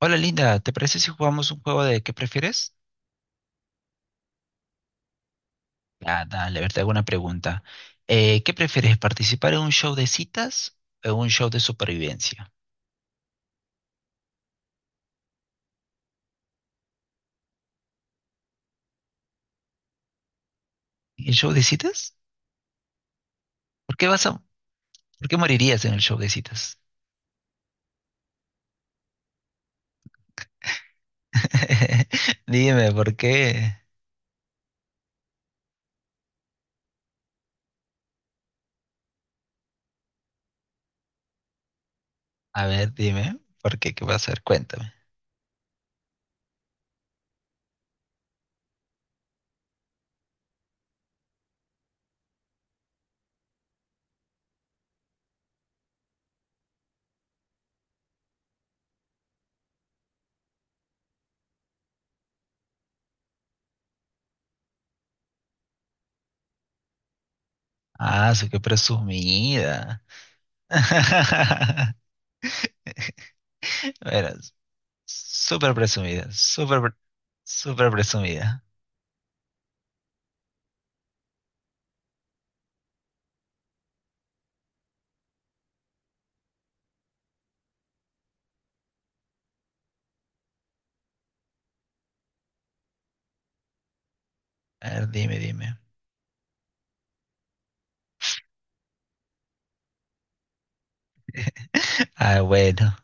Hola Linda, ¿te parece si jugamos un juego de qué prefieres? Ah, dale, a ver, te hago una pregunta. ¿Qué prefieres, participar en un show de citas o en un show de supervivencia? ¿El show de citas? ¿Por qué vas a, ¿Por qué morirías en el show de citas? Dime, ¿por qué? A ver, dime, ¿por qué? ¿Qué vas a hacer? Cuéntame. Ah, su qué presumida. Bueno, súper presumida, súper, súper presumida. A ver, dime, dime. Ah, bueno.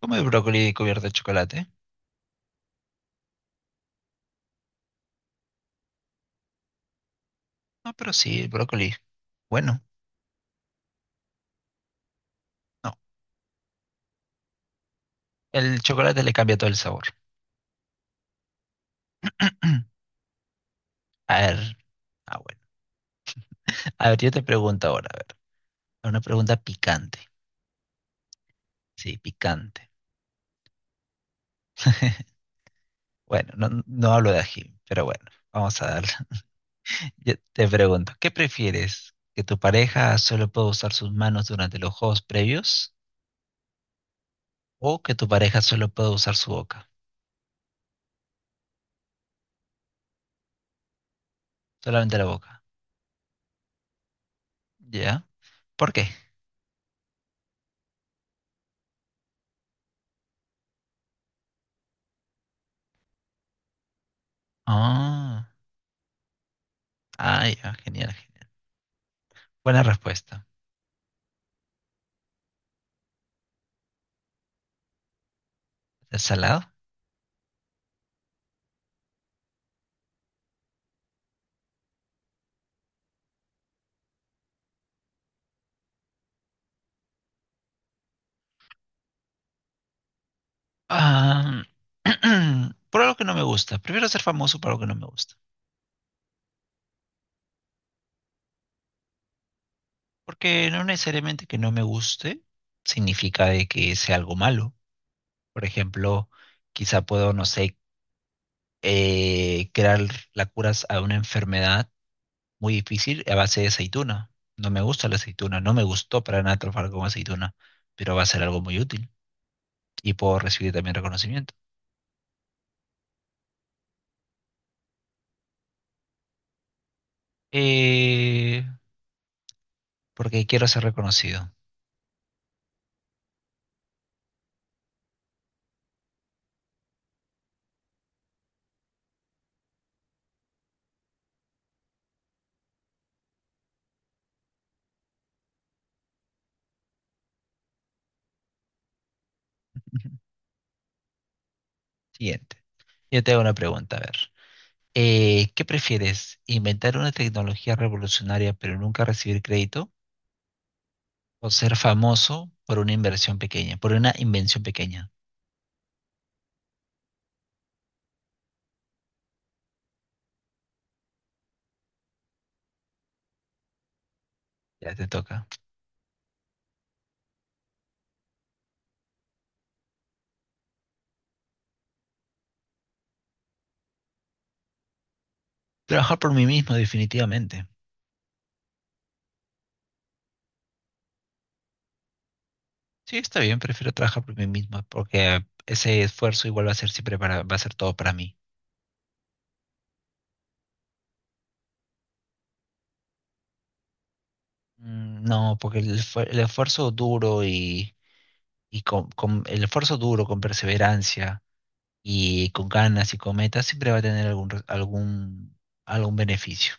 ¿Comes brócoli cubierto de chocolate? No, pero sí, el brócoli. Bueno, no. El chocolate le cambia todo el sabor. A ver. Ah, bueno. A ver, yo te pregunto ahora, a ver. Una pregunta picante. Sí, picante. Bueno, no, no hablo de ají, pero bueno, vamos a darle. Yo te pregunto, ¿qué prefieres? ¿Que tu pareja solo pueda usar sus manos durante los juegos previos? ¿O que tu pareja solo pueda usar su boca? Solamente la boca. ¿Ya? ¿Por qué? Ah, ah, ya, genial, genial. Buena respuesta. ¿Es salado? Ah, por algo que no me gusta. Prefiero ser famoso por algo que no me gusta. Porque no necesariamente que no me guste significa de que sea algo malo. Por ejemplo, quizá puedo, no sé, crear la cura a una enfermedad muy difícil a base de aceituna. No me gusta la aceituna, no me gustó para nada trabajar con aceituna, pero va a ser algo muy útil y puedo recibir también reconocimiento. Eh, Porque quiero ser reconocido. Siguiente. Yo te hago una pregunta, a ver. ¿Qué prefieres? ¿Inventar una tecnología revolucionaria pero nunca recibir crédito? ¿O ser famoso por una inversión pequeña, por una invención pequeña? Ya te toca. Trabajar por mí mismo, definitivamente. Sí, está bien, prefiero trabajar por mí mismo porque ese esfuerzo igual va a ser siempre para, va a ser todo para mí. Mm, no, porque el esfuerzo duro y, el esfuerzo duro con perseverancia y con ganas y con metas siempre va a tener algún, algún beneficio.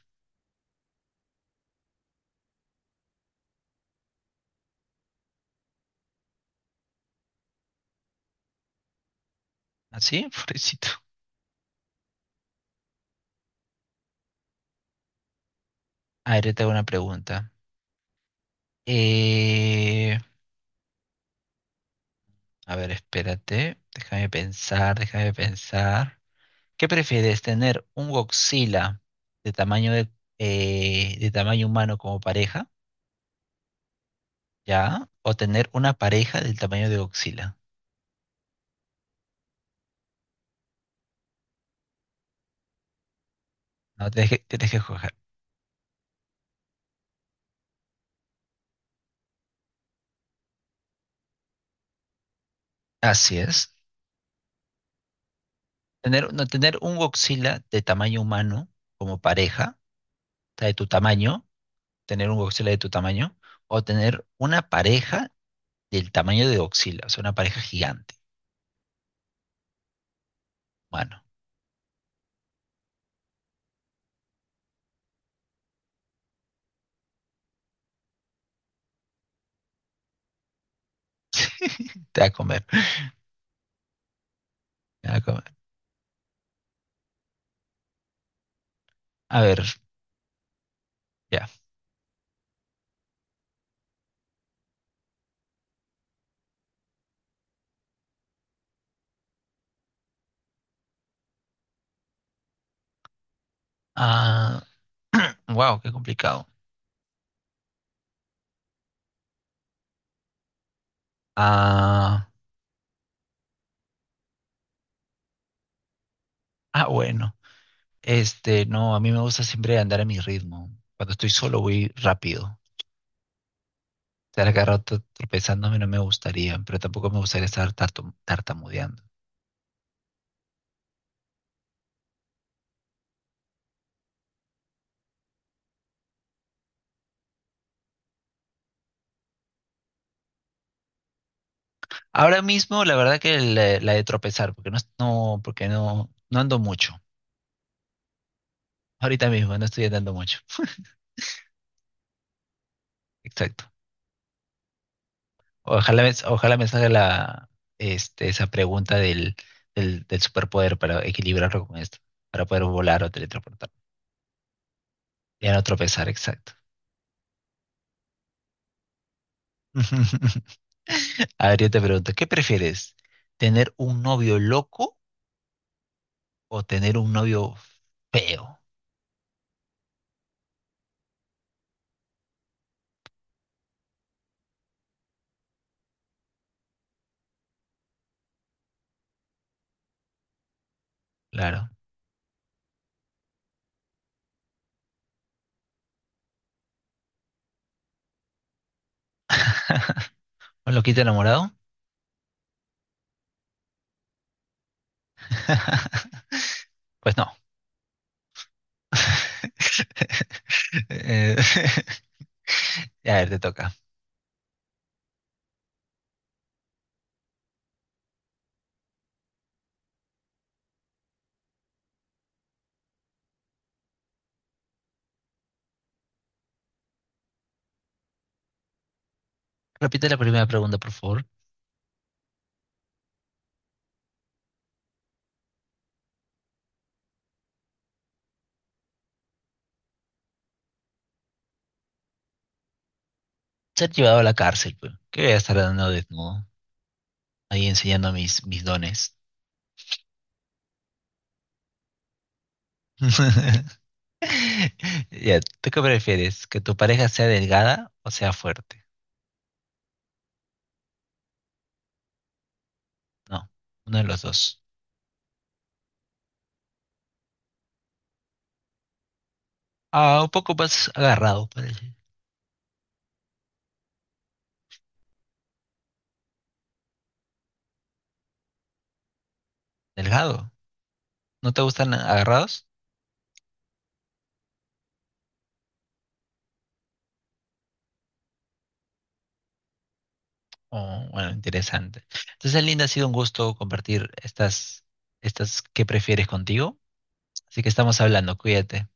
¿Así? Pobrecito. A ver, yo te hago una pregunta. Eh, a ver, espérate. Déjame pensar, déjame pensar. ¿Qué prefieres, tener un Godzilla de de tamaño humano como pareja? ¿Ya? ¿O tener una pareja del tamaño de Godzilla? No, tienes que escoger. Así es. Tener, no, Tener un Godzilla de tamaño humano como pareja, o sea, de tu tamaño, tener un Godzilla de tu tamaño, o tener una pareja del tamaño de Godzilla, o sea, una pareja gigante. Bueno, te va a comer, te va a comer. A ver, ya. Ah, wow, qué complicado. Ah, ah, bueno. Este, no, a mí me gusta siempre andar a mi ritmo. Cuando estoy solo voy rápido. Estar cada rato tropezándome no me gustaría, pero tampoco me gustaría estar tartamudeando. Ahora mismo, la verdad que la de tropezar, porque no, porque no, no ando mucho. Ahorita mismo, no estoy andando mucho. Exacto. Ojalá me salga esa pregunta del superpoder para equilibrarlo con esto, para poder volar o teletransportar. Ya no tropezar, exacto. A ver, yo te pregunto, ¿qué prefieres? ¿Tener un novio loco o tener un novio feo? Claro. ¿Un loquito enamorado? Pues no. Eh, a ver, te toca. Repite la primera pregunta, por favor. Ser llevado a la cárcel, pues. ¿Qué voy a estar dando desnudo? Ahí enseñando mis, mis dones. Ya, ¿tú qué prefieres? ¿Que tu pareja sea delgada o sea fuerte? No, uno de los dos. Ah, un poco más agarrado, parece. ¿Delgado? ¿No te gustan agarrados? Oh, bueno, interesante. Entonces, Linda, ha sido un gusto compartir estas, estas que prefieres contigo. Así que estamos hablando, cuídate.